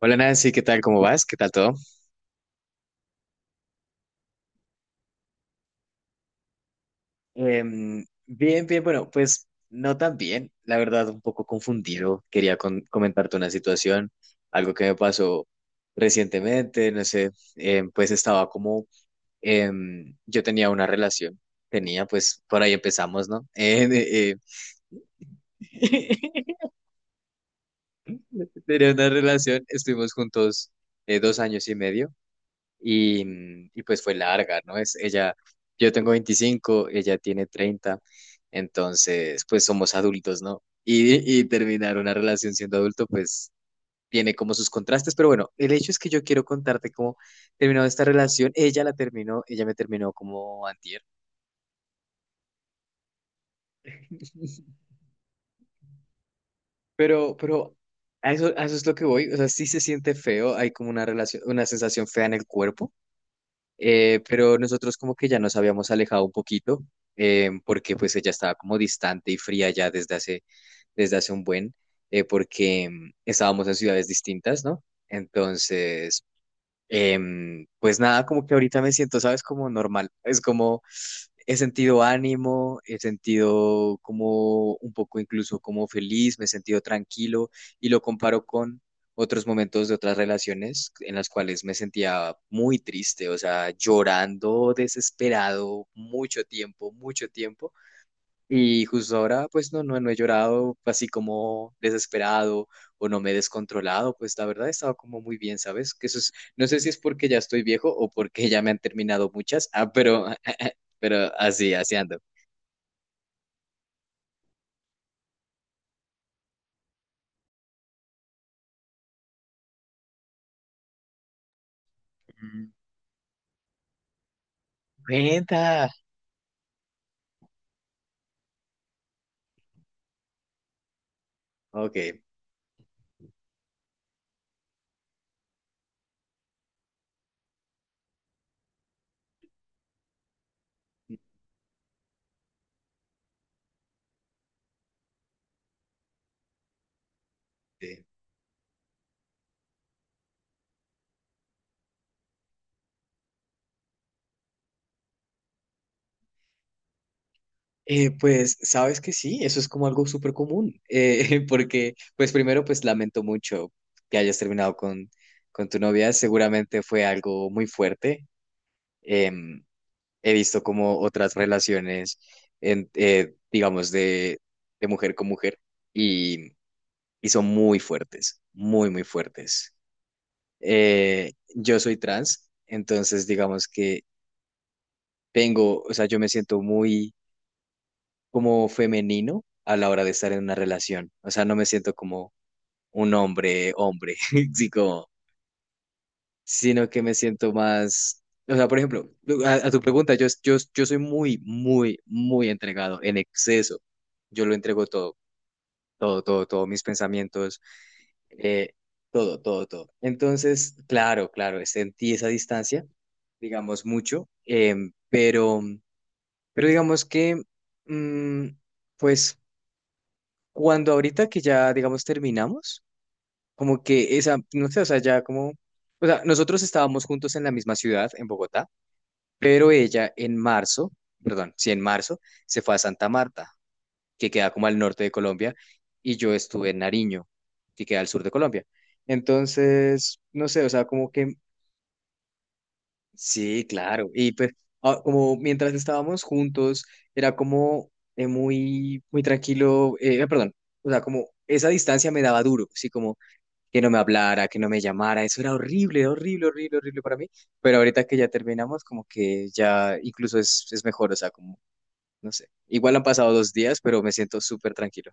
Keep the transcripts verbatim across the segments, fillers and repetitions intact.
Hola Nancy, ¿qué tal? ¿Cómo vas? ¿Qué tal todo? Em, bien, bien, bueno, pues no tan bien, la verdad, un poco confundido. Quería con- comentarte una situación, algo que me pasó recientemente, no sé, em, pues estaba como, em, yo tenía una relación, tenía, pues por ahí empezamos, ¿no? Eh, eh, eh, tenía una relación, estuvimos juntos eh, dos años y medio. y, y pues fue larga, ¿no? Es ella, yo tengo veinticinco, ella tiene treinta, entonces pues somos adultos, ¿no? Y, y terminar una relación siendo adulto pues tiene como sus contrastes, pero bueno, el hecho es que yo quiero contarte cómo terminó esta relación, ella la terminó, ella me terminó como antier, pero, pero a eso, a eso es lo que voy, o sea, sí se siente feo, hay como una relación, una sensación fea en el cuerpo. Eh, pero nosotros como que ya nos habíamos alejado un poquito, eh, porque pues ella estaba como distante y fría ya desde hace, desde hace un buen, eh, porque mm, estábamos en ciudades distintas, ¿no? Entonces, Em, pues nada, como que ahorita me siento, ¿sabes? Como normal. Es como he sentido ánimo, he sentido como un poco incluso como feliz, me he sentido tranquilo y lo comparo con otros momentos de otras relaciones en las cuales me sentía muy triste, o sea, llorando, desesperado, mucho tiempo, mucho tiempo. Y justo ahora, pues no, no, no he llorado así como desesperado o no me he descontrolado, pues la verdad he estado como muy bien, ¿sabes? Que eso es, no sé si es porque ya estoy viejo o porque ya me han terminado muchas, ah, pero, pero así, así ando. Mm. Cuenta. Ok. Sí. Eh, pues sabes que sí, eso es como algo súper común, eh, porque pues primero pues lamento mucho que hayas terminado con, con tu novia, seguramente fue algo muy fuerte. em, He visto como otras relaciones, en, eh, digamos, de, de mujer con mujer y, y son muy fuertes, muy, muy fuertes. Eh, yo soy trans, entonces digamos que tengo, o sea, yo me siento muy como femenino a la hora de estar en una relación, o sea, no me siento como un hombre, hombre, sí, como sino que me siento más, o sea, por ejemplo, a, a tu pregunta, yo, yo, yo soy muy, muy, muy entregado, en exceso. Yo lo entrego todo, todo, todo, todo, mis pensamientos, eh, todo, todo, todo. Entonces, claro, claro, sentí esa distancia, digamos, mucho, em, pero, pero digamos que, mm, pues, cuando ahorita que ya, digamos, terminamos, como que esa, no sé, o sea, ya como, o sea, nosotros estábamos juntos en la misma ciudad, en Bogotá. Pero ella en marzo, perdón, sí, en marzo, se fue a Santa Marta, que queda como al norte de Colombia, y yo estuve en Nariño, que queda al sur de Colombia. Entonces, no sé, o sea, como que sí, claro. Y pues, ah, como mientras estábamos juntos, era como eh, muy, muy tranquilo, eh, perdón, o sea, como esa distancia me daba duro, sí, como que no me hablara, que no me llamara, eso era horrible, horrible, horrible, horrible para mí, pero ahorita que ya terminamos, como que ya incluso es, es mejor, o sea, como, no sé, igual han pasado dos días, pero me siento súper tranquilo.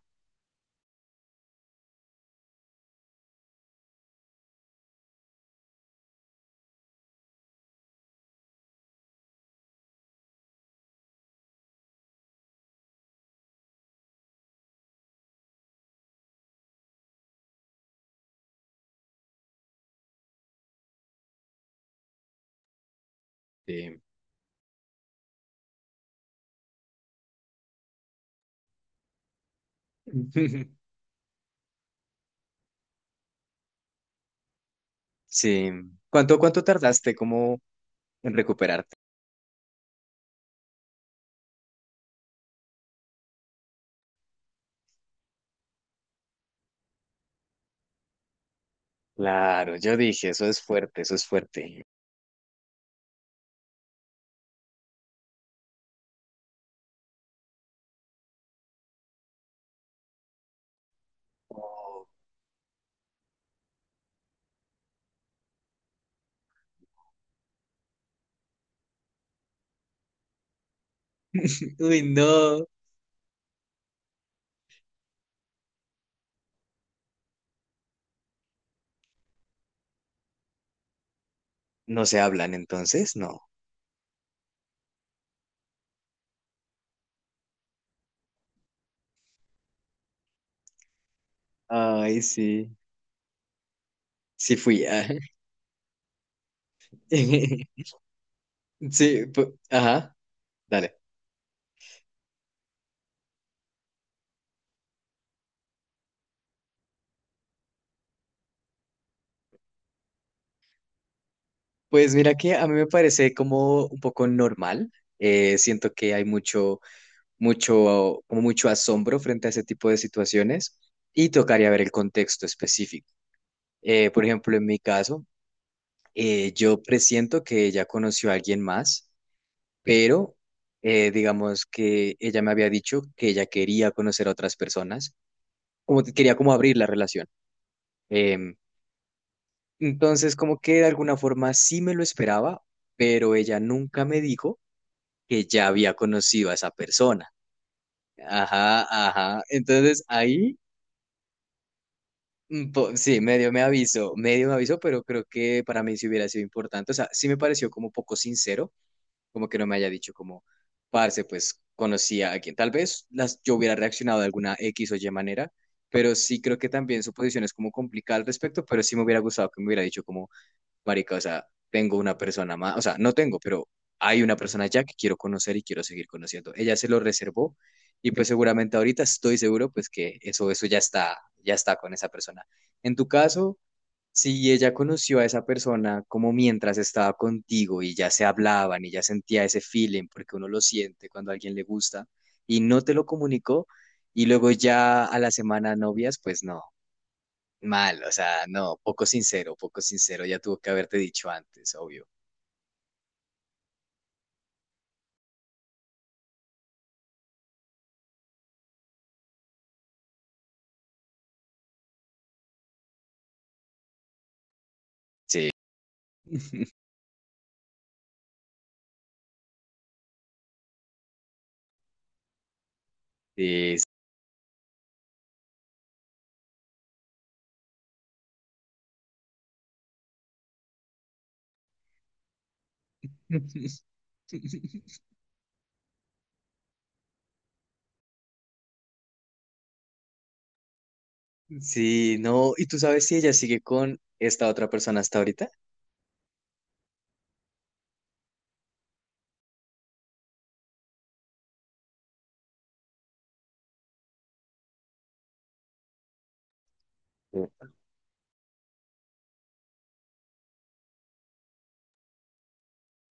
Sí. Sí. ¿Cuánto, cuánto tardaste como en recuperarte? Claro, yo dije, eso es fuerte, eso es fuerte. Oh. Uy, no. ¿No se hablan entonces? No. Ay, sí. Sí fui. Ah. Sí, pu- ajá, dale. Pues mira que a mí me parece como un poco normal. Eh, siento que hay mucho, mucho, como mucho asombro frente a ese tipo de situaciones y tocaría ver el contexto específico. Eh, por ejemplo, en mi caso, eh, yo presiento que ella conoció a alguien más, pero eh, digamos que ella me había dicho que ella quería conocer a otras personas, como que quería como abrir la relación. Em, entonces, como que de alguna forma sí me lo esperaba, pero ella nunca me dijo que ya había conocido a esa persona. Ajá, ajá. Entonces ahí, mm, po- sí, medio me avisó, medio me avisó, pero creo que para mí sí hubiera sido importante. O sea, sí me pareció como poco sincero, como que no me haya dicho como, parce, pues conocía a quien. Tal vez las, yo hubiera reaccionado de alguna X o Y manera, pero sí creo que también su posición es como complicada al respecto, pero sí me hubiera gustado que me hubiera dicho como, marica, o sea, tengo una persona más, o sea, no tengo, pero hay una persona ya que quiero conocer y quiero seguir conociendo. Ella se lo reservó y pues seguramente ahorita estoy seguro pues que eso, eso ya está, ya está con esa persona. En tu caso, si ella conoció a esa persona como mientras estaba contigo y ya se hablaban y ya sentía ese feeling, porque uno lo siente cuando a alguien le gusta y no te lo comunicó y luego ya a la semana novias, pues no, mal, o sea, no, poco sincero, poco sincero, ya tuvo que haberte dicho antes, obvio. Sí, sí. Sí, no, ¿y tú sabes si ella sigue con esta otra persona hasta ahorita? Sí.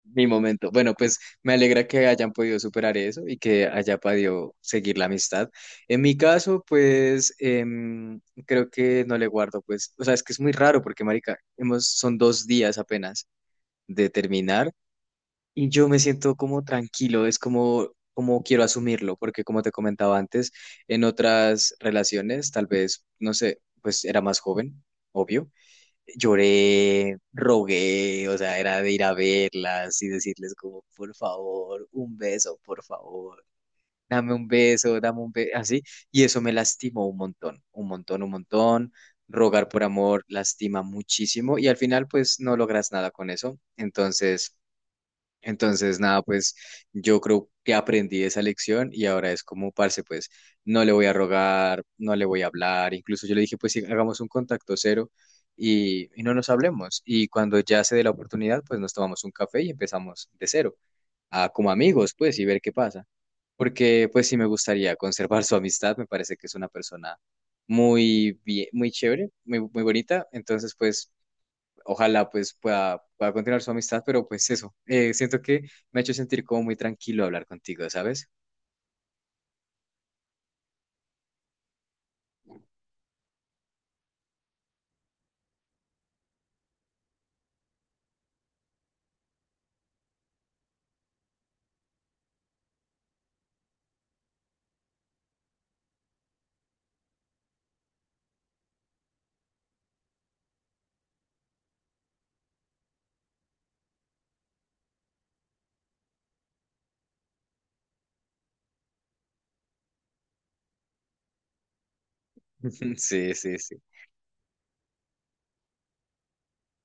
Mi momento. Bueno, pues me alegra que hayan podido superar eso y que haya podido seguir la amistad. En mi caso, pues em, creo que no le guardo, pues, o sea, es que es muy raro porque, marica, hemos, son dos días apenas de terminar. Y yo me siento como tranquilo, es como, como quiero asumirlo, porque como te comentaba antes, en otras relaciones, tal vez, no sé, pues era más joven, obvio, lloré, rogué, o sea, era de ir a verlas y decirles como, por favor, un beso, por favor, dame un beso, dame un beso, así, y eso me lastimó un montón, un montón, un montón. Rogar por amor lastima muchísimo y al final pues no logras nada con eso. Entonces... Entonces, nada, pues yo creo que aprendí esa lección y ahora es como, parce, pues no le voy a rogar, no le voy a hablar. Incluso yo le dije, pues sí, hagamos un contacto cero y, y no nos hablemos. Y cuando ya se dé la oportunidad, pues nos tomamos un café y empezamos de cero, a, como amigos, pues, y ver qué pasa. Porque, pues sí, me gustaría conservar su amistad, me parece que es una persona muy bien, muy chévere, muy, muy bonita. Entonces, pues ojalá pues pueda, pueda continuar su amistad, pero pues eso, eh, siento que me ha hecho sentir como muy tranquilo hablar contigo, ¿sabes? Sí, sí, sí.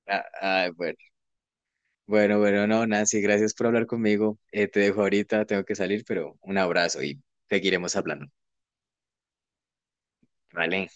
Ah, ah, bueno, bueno, bueno, no, Nancy, gracias por hablar conmigo. Eh, te dejo ahorita, tengo que salir, pero un abrazo y seguiremos hablando. Vale.